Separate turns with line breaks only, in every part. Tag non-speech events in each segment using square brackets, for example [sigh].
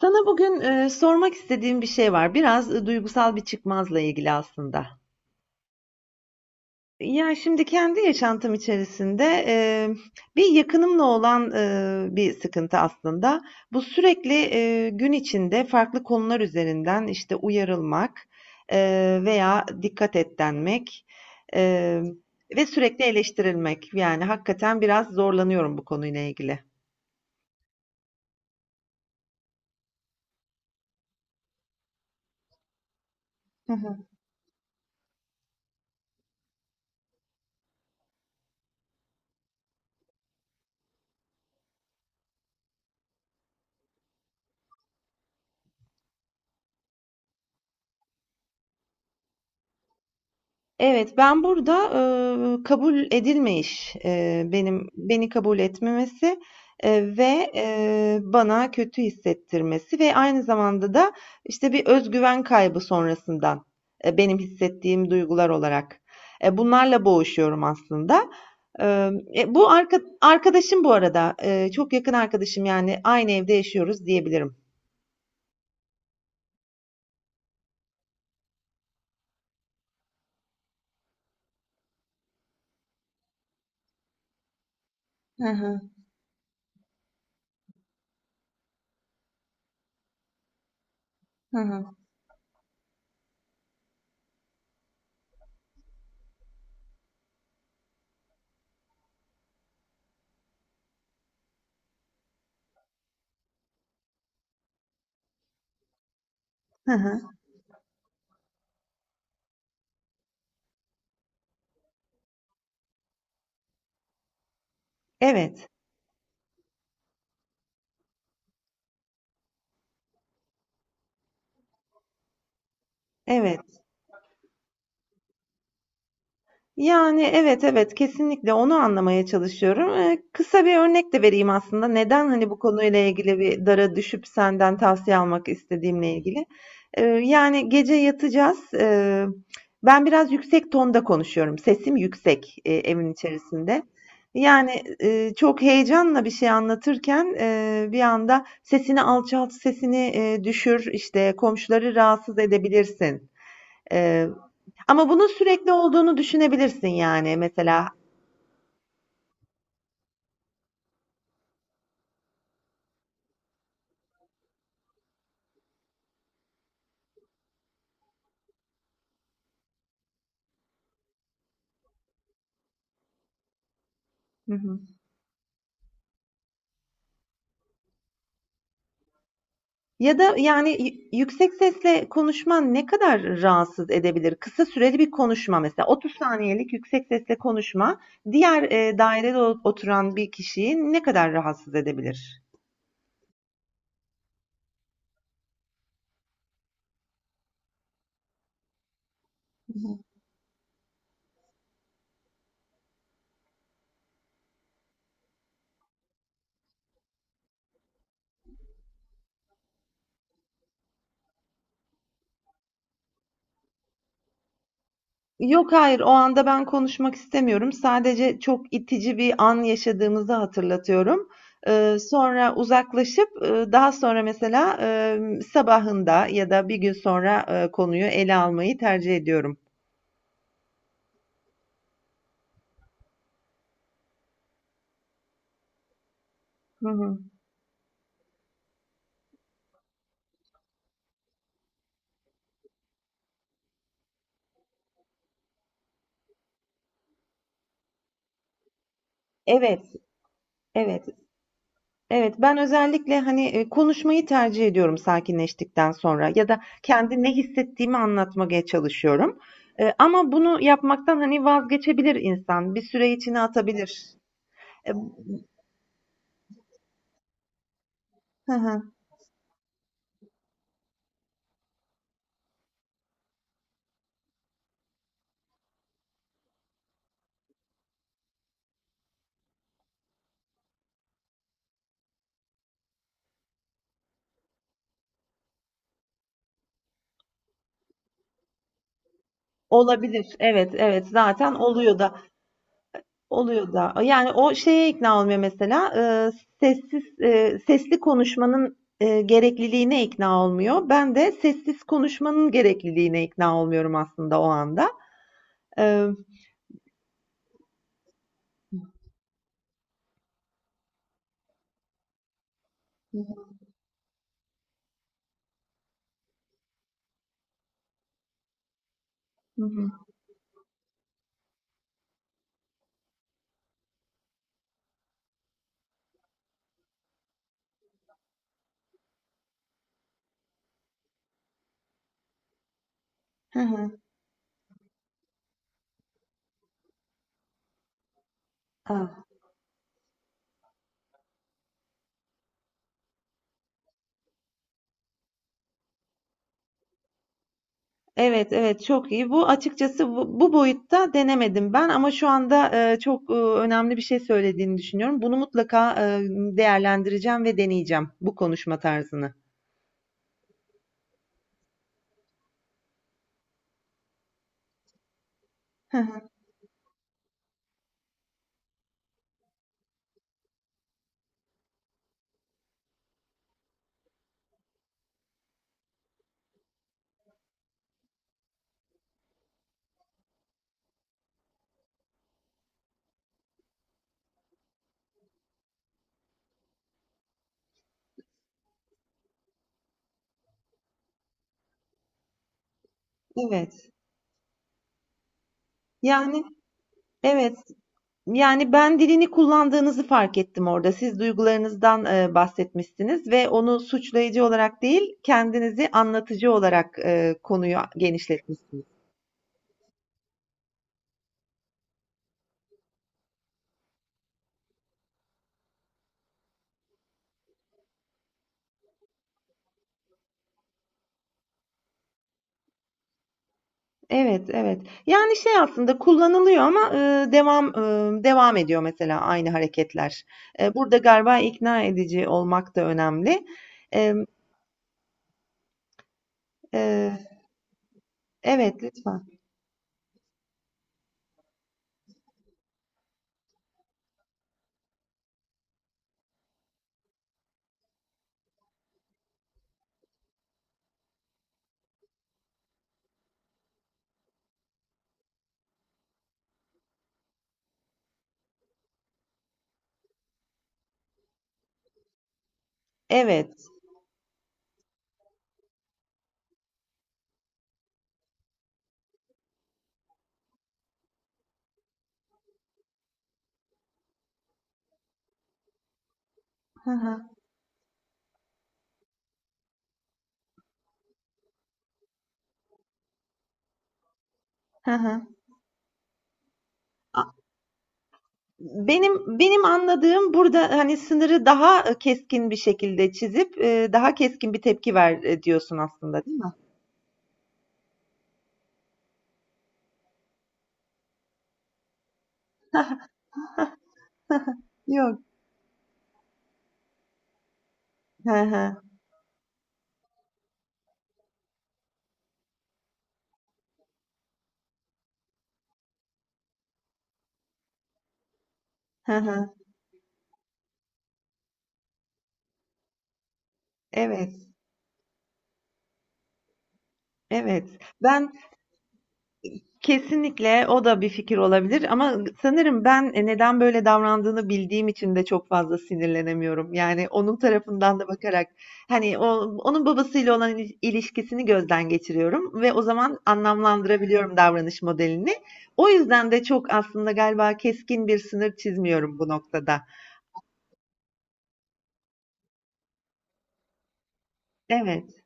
Sana bugün, sormak istediğim bir şey var. Biraz, duygusal bir çıkmazla ilgili aslında. Ya, şimdi kendi yaşantım içerisinde, bir yakınımla olan, bir sıkıntı aslında. Bu sürekli, gün içinde farklı konular üzerinden, işte, uyarılmak, veya dikkat et denmek, emm, ve sürekli eleştirilmek. Yani hakikaten biraz zorlanıyorum bu konuyla ilgili. Evet, ben burada, kabul edilmeyiş, benim beni kabul etmemesi, bana kötü hissettirmesi ve aynı zamanda da, işte, bir öz güven kaybı sonrasından, benim hissettiğim duygular olarak. Bunlarla boğuşuyorum aslında. Bu arkadaşım bu arada, çok yakın arkadaşım, yani, aynı evde yaşıyoruz diyebilirim. Hı hı. Hı hı. Hı hı. Evet, evet. Yani, evet, evet, kesinlikle onu anlamaya çalışıyorum. Kısa bir örnek de vereyim aslında. Neden, hani, bu konuyla ilgili bir dara düşüp senden tavsiye almak istediğimle ilgili. Yani, gece yatacağız. Ben biraz yüksek tonda konuşuyorum. Sesim yüksek, evin içerisinde. Yani, çok heyecanla bir şey anlatırken, bir anda sesini alçalt, sesini, düşür, işte, komşuları rahatsız edebilirsin, e, ama bunun sürekli olduğunu düşünebilirsin yani mesela. Hı hı. Ya da yani yüksek sesle konuşman ne kadar rahatsız edebilir? Kısa süreli bir konuşma mesela 30 saniyelik yüksek sesle konuşma diğer dairede oturan bir kişiyi ne kadar rahatsız edebilir? Yok, hayır. O anda ben konuşmak istemiyorum. Sadece çok itici bir an yaşadığımızı hatırlatıyorum. Sonra uzaklaşıp, daha sonra mesela, sabahında ya da bir gün sonra, konuyu ele almayı tercih ediyorum. Hı hı. Evet, evet, evet. Ben özellikle, hani, konuşmayı tercih ediyorum sakinleştikten sonra ya da kendi ne hissettiğimi anlatmaya çalışıyorum. Ama bunu yapmaktan, hani, vazgeçebilir insan. Bir süre içine atabilir. Emm Hı hı. Olabilir. Evet, evet. Zaten oluyor da oluyor da. Yani o şeye ikna olmuyor mesela. Sesli konuşmanın gerekliliğine ikna olmuyor. Ben de sessiz konuşmanın gerekliliğine ikna olmuyorum aslında o anda. Ee, hı hı. Ah, evet, evet. Çok iyi. Bu açıkçası bu boyutta denemedim ben ama şu anda çok önemli bir şey söylediğini düşünüyorum. Bunu mutlaka değerlendireceğim ve deneyeceğim bu konuşma tarzını. Hı hı. Evet. Yani Evet, yani ben dilini kullandığınızı fark ettim orada. Siz duygularınızdan, bahsetmişsiniz ve onu suçlayıcı olarak değil, kendinizi anlatıcı olarak, konuyu genişletmişsiniz. Evet, evet. Yani şey aslında kullanılıyor ama, devam ediyor mesela aynı hareketler. Burada galiba ikna edici olmak da önemli. Emm, eee Evet, lütfen. Evet. Hı hı. Hı hı. Benim anladığım burada, hani, sınırı daha, keskin bir şekilde çizip, daha keskin bir tepki ver, diyorsun aslında, değil mi? [laughs] Yok. Hı hı. Hı hı. Evet, evet. Ben Kesinlikle o da bir fikir olabilir ama sanırım ben neden böyle davrandığını bildiğim için de çok fazla sinirlenemiyorum. Yani onun tarafından da bakarak hani o, onun babasıyla olan ilişkisini gözden geçiriyorum ve o zaman anlamlandırabiliyorum davranış modelini. O yüzden de çok aslında galiba keskin bir sınır çizmiyorum bu noktada. Evet.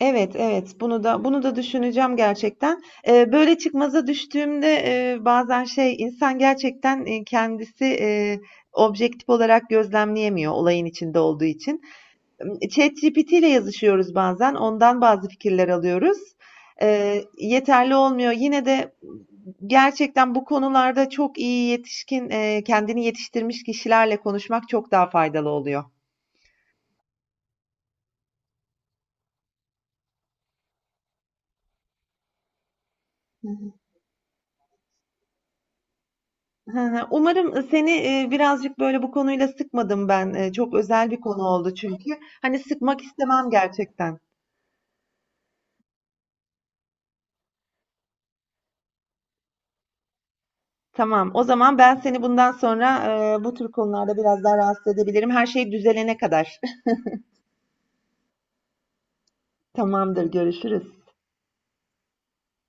Evet, evet. Bunu da düşüneceğim gerçekten. Böyle çıkmaza düştüğümde, bazen şey, insan gerçekten, kendisi, objektif olarak gözlemleyemiyor olayın içinde olduğu için. ChatGPT ile yazışıyoruz bazen, ondan bazı fikirler alıyoruz. Yeterli olmuyor. Yine de gerçekten bu konularda çok iyi yetişkin, kendini yetiştirmiş kişilerle konuşmak çok daha faydalı oluyor. Hı hı. Hı hı. Umarım, seni, birazcık böyle bu konuyla sıkmadım ben. Çok özel bir konu oldu çünkü. Hani, sıkmak istemem gerçekten. Tamam, o zaman ben seni bundan sonra, bu tür konularda biraz daha rahatsız edebilirim. Her şey düzelene kadar. [laughs] Tamamdır, görüşürüz.